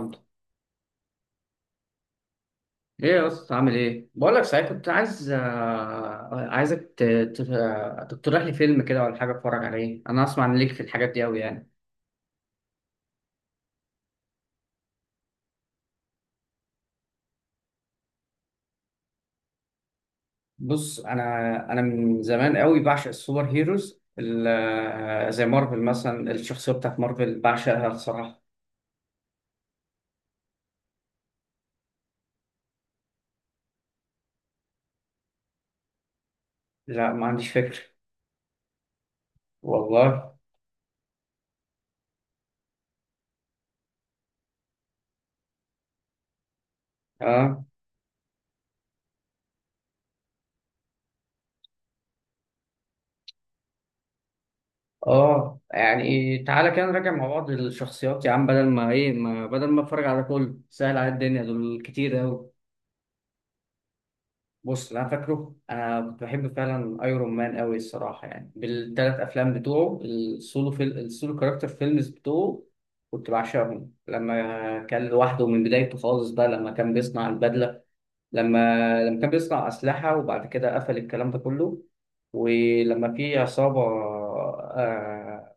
الحمد. ايه يا اسطى عامل ايه؟ بقول لك صحيح، كنت عايزك تقترح لي فيلم كده ولا حاجه اتفرج عليه. انا اسمع ان ليك في الحاجات دي قوي يعني. بص انا من زمان قوي بعشق السوبر هيروز زي مارفل مثلا. الشخصيه بتاعت مارفل بعشقها الصراحه. لا، ما عنديش فكر. والله. اه. اه يعني تعالى كده نراجع مع بعض الشخصيات يا عم، بدل ما ايه ما بدل ما اتفرج على كله، سهل على الدنيا دول كتير قوي. بص اللي انا فاكره، انا كنت بحب فعلا ايرون مان قوي الصراحه، يعني بالثلاث افلام بتوعه، السولو كاركتر فيلمز بتوعه. كنت بعشقهم لما كان لوحده من بدايته خالص بقى، لما كان بيصنع البدله. لما لما كان بيصنع اسلحه وبعد كده قفل الكلام ده كله. ولما في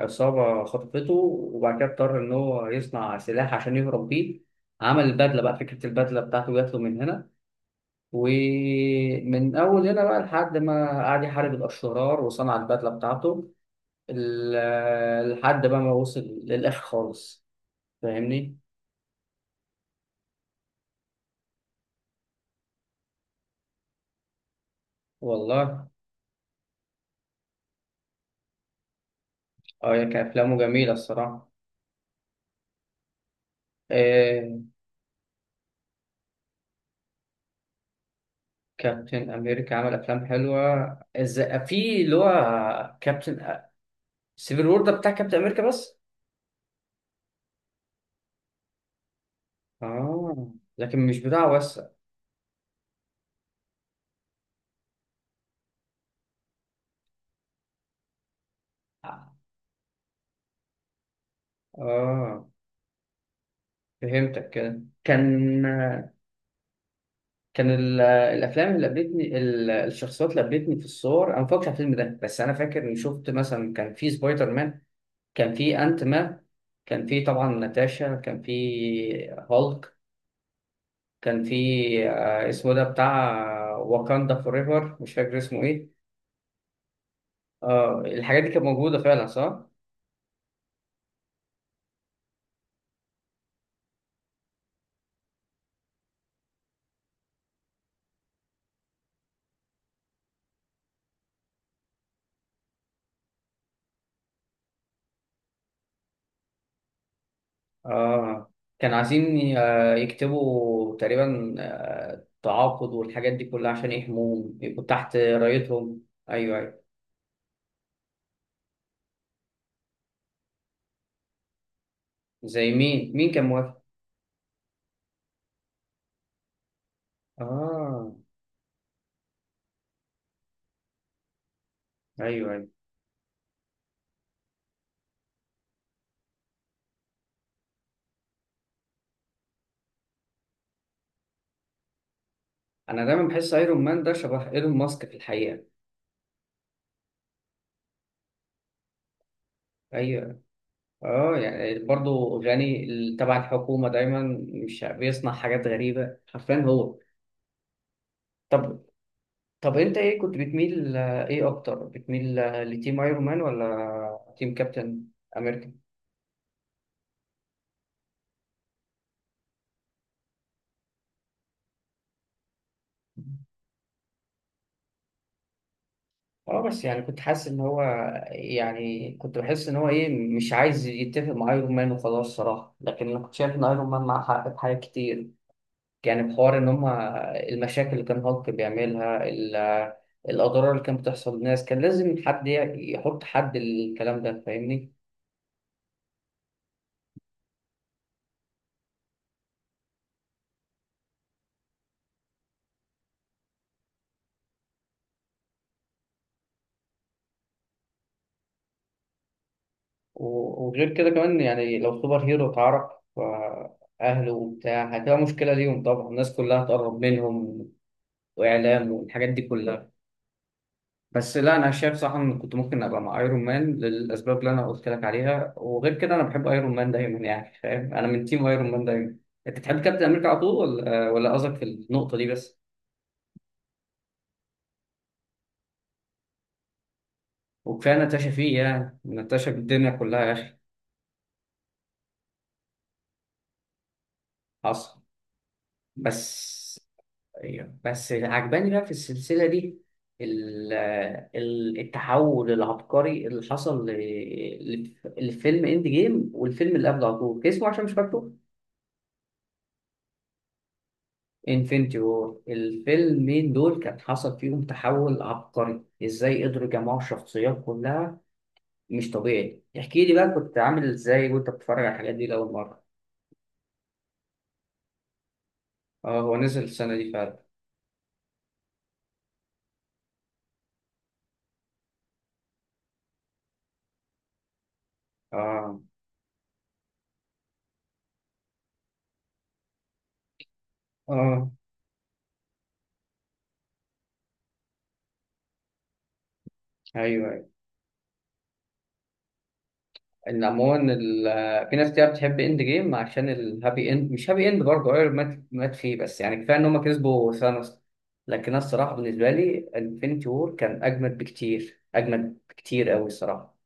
عصابه خطفته، وبعد كده اضطر ان هو يصنع سلاح عشان يهرب بيه. عمل البدله بقى، فكره البدله بتاعته جات له من هنا. ومن أول هنا بقى لحد ما قعد يحارب الأشرار وصنع البدلة بتاعته، لحد بقى ما وصل للآخر خالص. فاهمني؟ والله. أه، هي كان أفلامه جميلة الصراحة. إيه. كابتن أمريكا عمل أفلام حلوة. إزاي؟ في اللي هو كابتن. سيفل وور ده بتاع كابتن أمريكا بس؟ آه، لكن مش بتاع وسع. آه. فهمتك. كده كان كان ال- الافلام اللي قابلتني ال- الشخصيات اللي قابلتني في الصور انا ما فاكرش على الفيلم ده، بس انا فاكر اني شفت مثلا، كان في سبايدر مان، كان في انت مان، كان في طبعا ناتاشا، كان في هالك، كان في اسمه ده بتاع واكاندا فور ايفر، مش فاكر اسمه ايه. اه الحاجات دي كانت موجوده فعلا، صح. اه. كان عايزين يكتبوا تقريبا تعاقد والحاجات دي كلها عشان يحموهم يبقوا تحت رايتهم. ايوه ايوه. زي مين؟ مين كان موافق؟ اه. ايوه ايوه. انا دايما بحس ايرون مان ده شبه ايلون ماسك في الحقيقه. ايوه. اه يعني برضه غني تبع الحكومه دايما، مش بيصنع حاجات غريبه حرفيا هو. طب طب انت ايه، كنت بتميل ايه اكتر، بتميل لتيم ايرون مان ولا تيم كابتن امريكا؟ اه بس يعني كنت حاسس ان هو، يعني كنت بحس ان هو ايه مش عايز يتفق مع ايرون مان وخلاص صراحه، لكن انا كنت شايف ان ايرون مان معاه حق في حاجات كتير. يعني بحوار إن هما، المشاكل اللي كان هالك بيعملها، الأضرار اللي كانت بتحصل للناس، كان لازم حد يحط حد للكلام ده فاهمني. وغير كده كمان، يعني لو سوبر هيرو اتعرف أهله وبتاع، هتبقى مشكلة ليهم طبعا، الناس كلها هتقرب منهم. وإعلام والحاجات دي كلها. بس لا، أنا شايف صراحة إن كنت ممكن أبقى مع أيرون مان للأسباب اللي أنا قلت لك عليها، وغير كده أنا بحب أيرون مان دايما يعني، فاهم؟ أنا من تيم أيرون مان دايما. أنت بتحب كابتن أمريكا على طول ولا قصدك في النقطة دي بس؟ وكفايه نتاشا فيه، يعني نتاشا بالدنيا كلها يا اخي. حصل. بس أيوة. بس عجباني بقى في السلسله دي ال- التحول العبقري اللي حصل لفيلم اند جيم، والفيلم اللي قبله على طول اسمه عشان مش فاكره. انفينيتي وور. الفيلمين دول كان حصل فيهم تحول عبقري، ازاي قدروا يجمعوا الشخصيات كلها؟ مش طبيعي. احكي لي بقى، كنت عامل ازاي وانت بتتفرج على الحاجات دي لاول مره؟ اه هو نزل السنه دي فعلا. اه. اه. ايوه ايوه. ان عموما في ناس كتير بتحب اند جيم عشان الهابي اند، مش هابي اند برضه، ايرون مات فيه، بس يعني كفايه ان هم كسبوا ثانوس. لكن انا الصراحه بالنسبه لي انفينيتي وور كان اجمد بكتير، اجمد بكتير قوي الصراحه.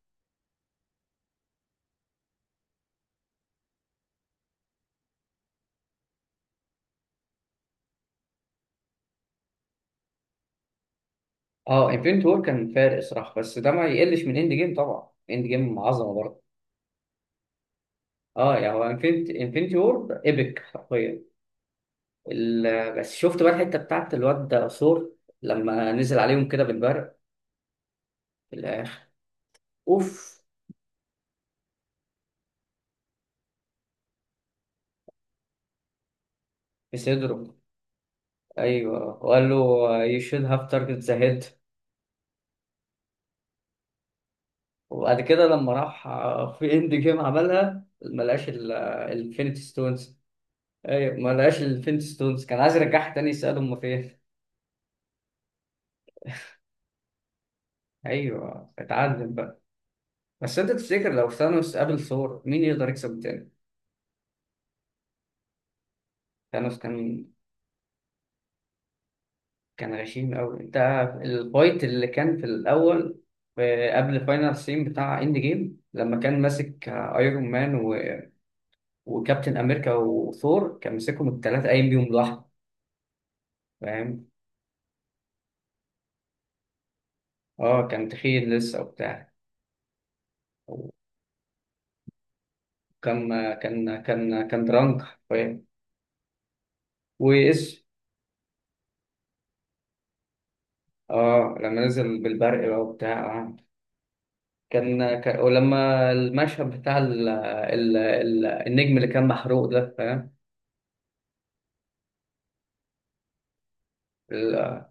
اه انفينيتي وور كان فارق الصراحه، بس ده ما يقلش من اند جيم، طبعا اند جيم عظمه برضه. اه يعني هو انفينيتي وور ايبك حرفيا. بس شفت بقى الحته بتاعت الواد ده ثور لما نزل عليهم كده بالبرق في الاخر. اوف. في صدره. ايوه، وقال له you should have target the head. وبعد كده لما راح في اند جيم عملها ما لقاش الفينيتي ستونز. ايوه ما لقاش الفينيتي ستونز، كان عايز يرجعها تاني يسأله هما فين. ايوه، اتعلم بقى. بس انت تفتكر لو ثانوس قابل ثور مين يقدر يكسب تاني؟ ثانوس. كان كان غشيم قوي انت، الفايت اللي كان في الاول، قبل فاينل سين بتاع اند جيم، لما كان ماسك ايرون مان وكابتن امريكا وثور، كان مسكهم الثلاثه قايم بيهم لوحده فاهم. اه كان تخين لسه وبتاع. وكان كان كان كان درانك فاهم. وايش. اه لما نزل بالبرق بقى وبتاع آه. كان ولما المشهد بتاع النجم اللي كان محروق ده فاهم. ال...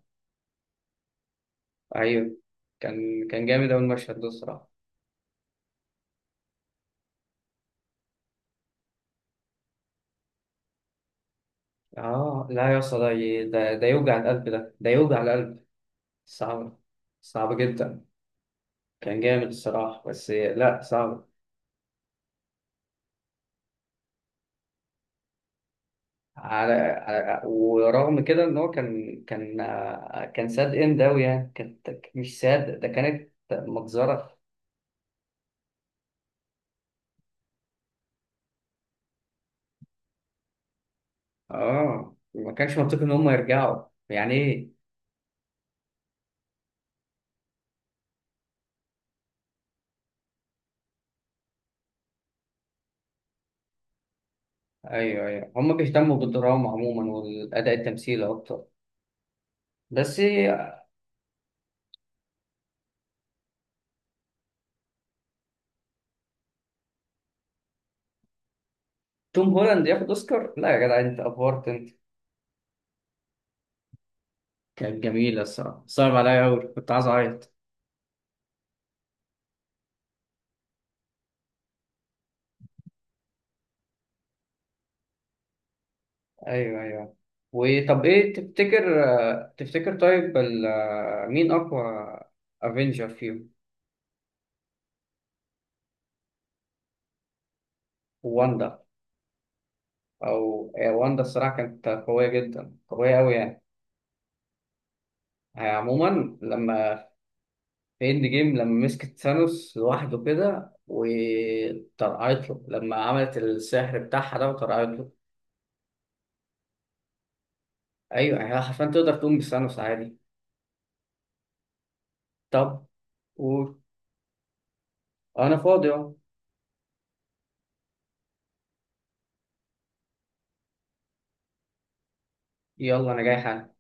ايوه. كان جامد أوي المشهد ده الصراحه. اه لا يا اسطى، ده يوجع القلب، ده يوجع القلب. صعب. صعب جدا. كان جامد الصراحة، بس لا صعب. على ورغم كده ان هو كان ساد اند اوي يعني، كانت مش ساد ده، كانت مجزرة. اه ما كانش منطقي ان هم يرجعوا يعني، ايه. ايوه ايوه هم بيهتموا بالدراما عموما والاداء التمثيلي اكتر. بس. توم هولاند ياخد اوسكار؟ لا يا جدع، انت افورت انت. كانت جميلة الصراحة، صعب عليا اوي، كنت عايز اعيط. ايوه ايوه. وطب ايه تفتكر؟ تفتكر طيب مين اقوى افنجر فيهم؟ واندا. او آه، واندا الصراحه كانت قويه جدا، قويه قوي يعني. عموما لما في اند جيم لما مسكت ثانوس لوحده كده وطرقعت له، لما عملت السحر بتاعها ده وطرقعت له. ايوه يعني هي حرفيا تقدر تقوم بثانوس عادي. طب. قول. انا فاضي اهو. يلا انا جاي حالا.